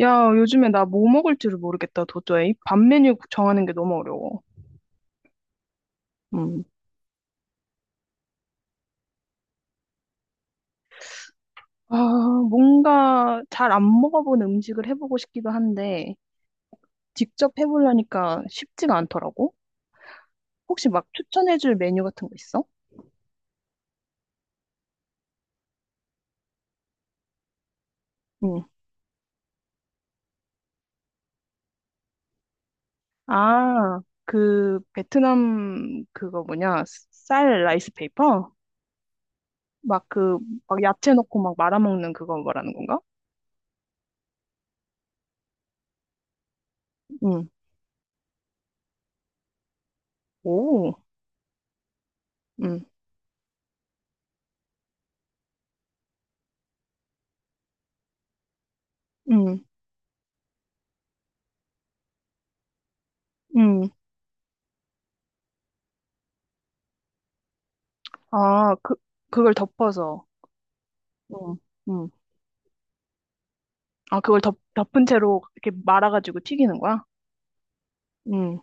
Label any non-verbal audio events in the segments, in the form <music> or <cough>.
야, 요즘에 나 뭐 먹을지를 모르겠다, 도저히. 밥 메뉴 정하는 게 너무 어려워. 음, 아, 뭔가 잘 안 먹어본 음식을 해보고 싶기도 한데, 직접 해보려니까 쉽지가 않더라고. 혹시 막 추천해줄 메뉴 같은 거 있어? 음. 아, 그, 베트남, 그거 뭐냐, 쌀 라이스 페이퍼? 막 그, 막 야채 넣고 막 말아먹는 그거 말하는 건가? 음, 오, 음, 음, 음. 아, 그, 그걸 덮어서. 음, 그걸 덮은 채로 이렇게 말아가지고 튀기는 거야? 음,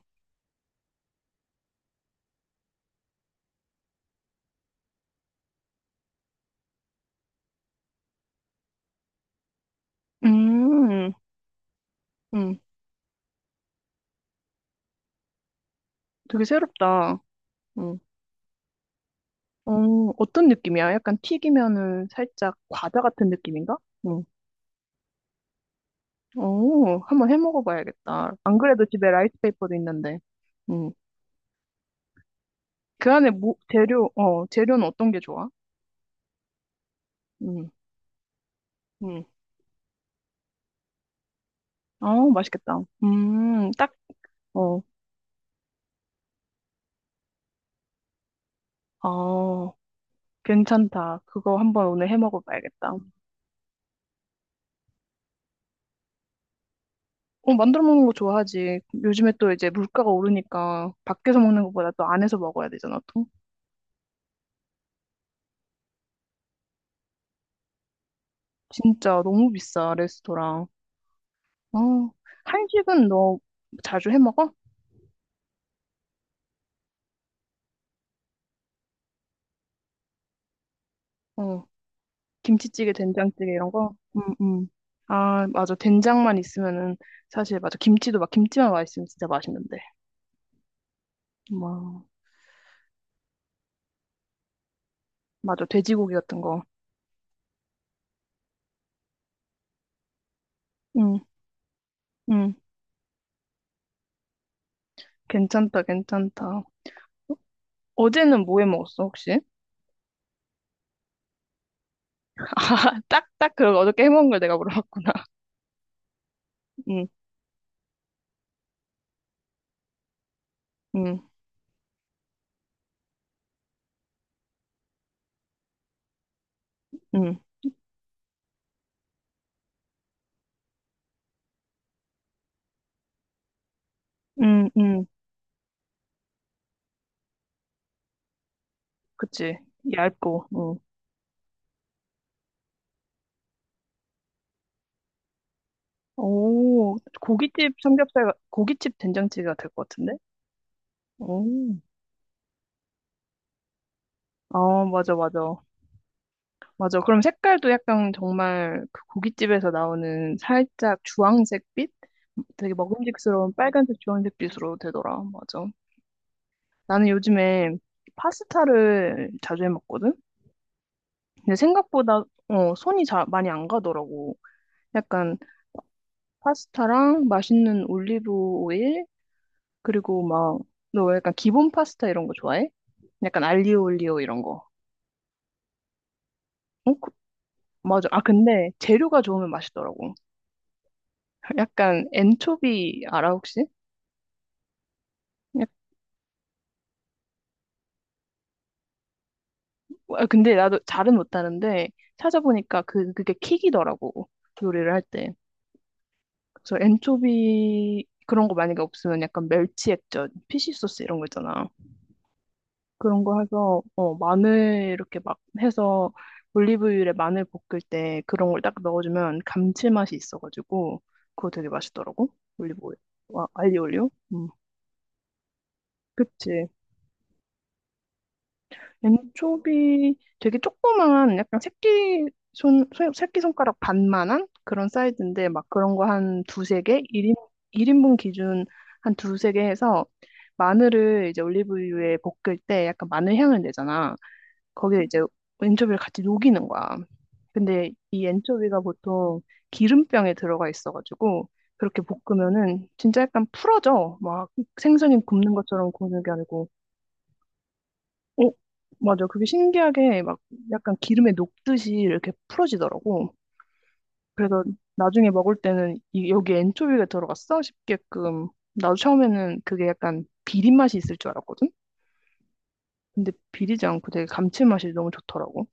음, 음. 되게 새롭다. 음. 어, 어떤 느낌이야? 약간 튀기면은 살짝 과자 같은 느낌인가? 음. 오, 한번 해 먹어봐야겠다. 안 그래도 집에 라이스페이퍼도 있는데. 음. 그 안에 뭐, 재료는 어떤 게 좋아? 음, 음. 아, 맛있겠다. 딱, 어, 아, 괜찮다. 그거 한번 오늘 해 먹어봐야겠다. 어, 만들어 먹는 거 좋아하지. 요즘에 또 이제 물가가 오르니까 밖에서 먹는 것보다 또 안에서 먹어야 되잖아, 또. 진짜 너무 비싸, 레스토랑. 어, 한식은 너 자주 해 먹어? 어, 김치찌개, 된장찌개 이런 거? 응, 응. 아, 맞아. 된장만 있으면은 사실 맞아. 김치도 막 김치만 맛있으면 진짜 맛있는데. 와, 맞아. 돼지고기 같은 거. 응, 응. 괜찮다, 괜찮다. 어제는 뭐 해 먹었어, 혹시? <laughs> 아, 딱, 딱, 그 어저께 해 먹은 걸 내가 물어봤구나. 응, 응. 응, 응, 응, 그치. 얇고, 응. 오, 고깃집 삼겹살, 고깃집 된장찌개가 될 것 같은데? 오, 아, 맞아, 맞아. 맞아. 그럼 색깔도 약간 정말 그 고깃집에서 나오는 살짝 주황색빛? 되게 먹음직스러운 빨간색, 주황색빛으로 되더라. 맞아. 나는 요즘에 파스타를 자주 해 먹거든? 근데 생각보다, 손이 잘 많이 안 가더라고. 약간 파스타랑 맛있는 올리브 오일, 그리고 막, 너 약간 기본 파스타 이런 거 좋아해? 약간 알리오 올리오 이런 거. 어? 맞아. 아, 근데 재료가 좋으면 맛있더라고. <laughs> 약간 엔초비 알아, 혹시? 약- 아, 근데 나도 잘은 못하는데 찾아보니까 그게 킥이더라고. 요리를 할 때. 그래서 엔초비 그런 거 만약에 없으면 약간 멸치 액젓, 피쉬 소스 이런 거 있잖아. 그런 거 해서 마늘 이렇게 막 해서 올리브유에 마늘 볶을 때 그런 걸 딱 넣어주면 감칠맛이 있어가지고 그거 되게 맛있더라고. 올리브유. 와, 알리올리오. 그치. 엔초비 되게 조그만 약간 새끼 새끼 손가락 반만한 그런 사이즈인데 막 그런 거 한 두세 개 1인 일인분 기준 한 두세 개 해서 마늘을 이제 올리브유에 볶을 때 약간 마늘 향을 내잖아. 거기에 이제 엔초비를 같이 녹이는 거야. 근데 이 엔초비가 보통 기름병에 들어가 있어가지고 그렇게 볶으면은 진짜 약간 풀어져. 막 생선이 굽는 것처럼 굽는 게 아니고, 어? 맞아. 그게 신기하게 막 약간 기름에 녹듯이 이렇게 풀어지더라고. 그래서 나중에 먹을 때는 이, 여기 엔초비가 들어갔어? 싶게끔. 나도 처음에는 그게 약간 비린 맛이 있을 줄 알았거든? 근데 비리지 않고 되게 감칠맛이 너무 좋더라고.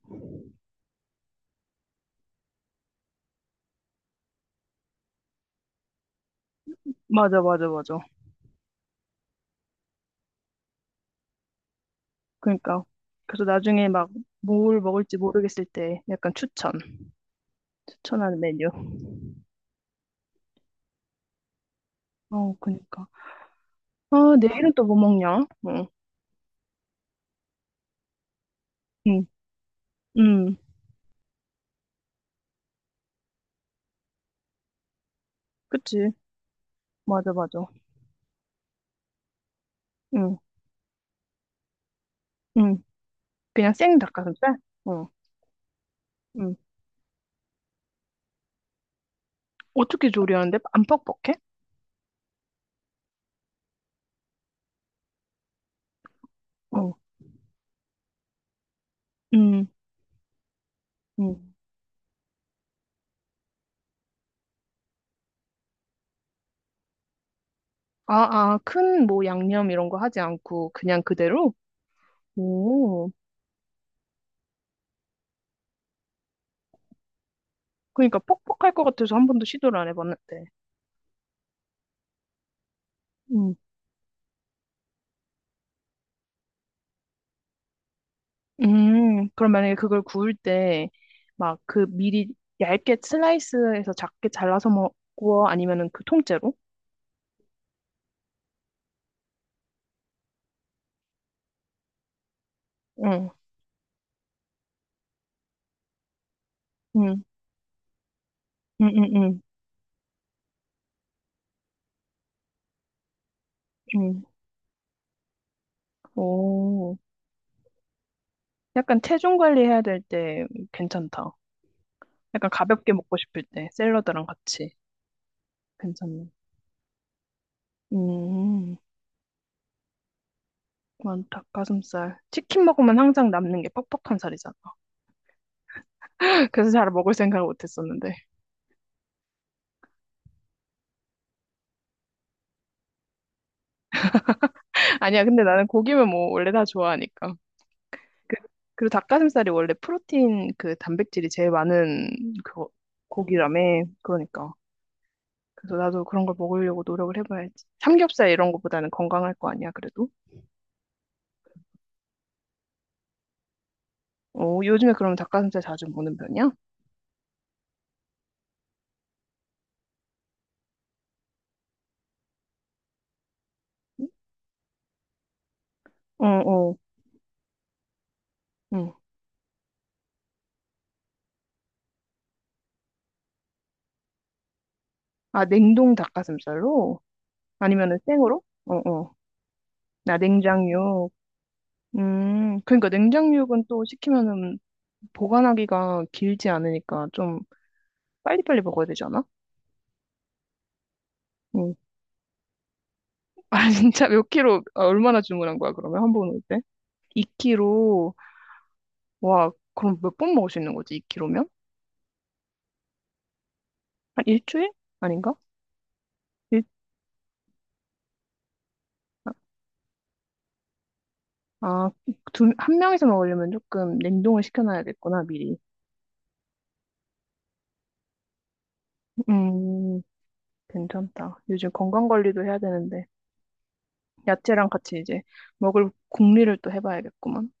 맞아, 맞아, 맞아. 그러니까 그래서 나중에 막 뭘 먹을지 모르겠을 때 약간 추천하는 메뉴. 어, 그러니까. 아, 내일은 또 뭐 먹냐? 응, 응, 응. 그치. 맞아, 맞아. 응, 응. 그냥 생 닭가슴살? 응, 응. 어떻게 조리하는데? 안 퍽퍽해? 응, 응, 응. 아, 아, 큰 뭐 양념 이런 거 하지 않고 그냥 그대로? 오, 그러니까 퍽퍽할 것 같아서 한 번도 시도를 안 해봤는데. 응. 그럼 만약에 그걸 구울 때, 막 그 미리 얇게 슬라이스해서 작게 잘라서 먹고, 아니면은 그 통째로? 응, 응, 응, 응, 응, 응. 오, 약간 체중 관리해야 될 때 괜찮다. 약간 가볍게 먹고 싶을 때, 샐러드랑 같이. 괜찮네. 음, 난 닭가슴살. 치킨 먹으면 항상 남는 게 퍽퍽한 살이잖아. <laughs> 그래서 잘 먹을 생각을 못 했었는데. <laughs> 아니야, 근데 나는 고기면 뭐 원래 다 좋아하니까. 그- 그리고 닭가슴살이 원래 프로틴 그 단백질이 제일 많은 그 고기라며. 그러니까. 그래서 나도 그런 걸 먹으려고 노력을 해봐야지. 삼겹살 이런 거보다는 건강할 거 아니야, 그래도? 어, 요즘에 그러면 닭가슴살 자주 먹는 편이야? 어, 어, 응. 아, 냉동 닭가슴살로? 아니면은 생으로? 어, 어. 나 냉장육. 그러니까 냉장육은 또 시키면은 보관하기가 길지 않으니까 좀 빨리빨리 먹어야 되잖아? <laughs> 아, 진짜 몇 킬로, 아, 얼마나 주문한 거야, 그러면? 한 번 올 때? 2kg, 와, 그럼 몇 번 먹을 수 있는 거지, 2킬로면? 한 일주일? 아닌가? 일, 아, 두, 한 명이서 먹으려면 조금 냉동을 시켜놔야겠구나, 미리. 음, 괜찮다. 요즘 건강 관리도 해야 되는데, 야채랑 같이 이제 먹을 궁리를 또 해봐야겠구만.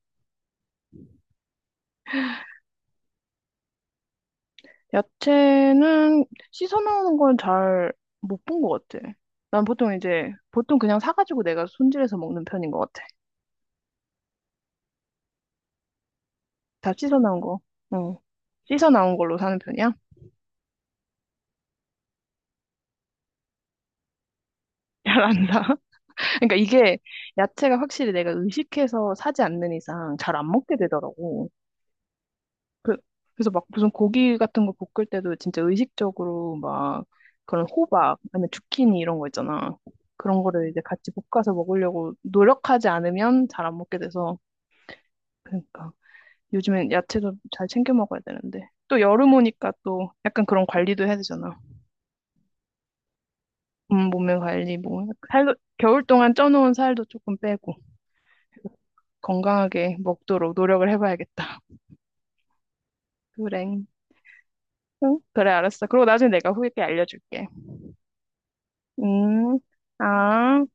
야채는 씻어 놓는 건 잘 못 본 것 같아. 난 보통 이제, 보통 그냥 사가지고 내가 손질해서 먹는 편인 것 같아. 다 씻어 나온 거. 어. 씻어 나온 걸로 사는 편이야? <laughs> 잘 안 사. <laughs> 그러니까 이게 야채가 확실히 내가 의식해서 사지 않는 이상 잘 안 먹게 되더라고. 그, 그래서 막 무슨 고기 같은 거 볶을 때도 진짜 의식적으로 막 그런 호박, 아니면 주키니 이런 거 있잖아. 그런 거를 이제 같이 볶아서 먹으려고 노력하지 않으면 잘 안 먹게 돼서. 그러니까 요즘엔 야채도 잘 챙겨 먹어야 되는데. 또 여름 오니까 또 약간 그런 관리도 해야 되잖아. 몸매 관리, 뭐, 살도, 겨울 동안 쪄놓은 살도 조금 빼고, 건강하게 먹도록 노력을 해봐야겠다. 그래. 응? 그래, 알았어. 그리고 나중에 내가 후기 때 알려줄게. 음, 아.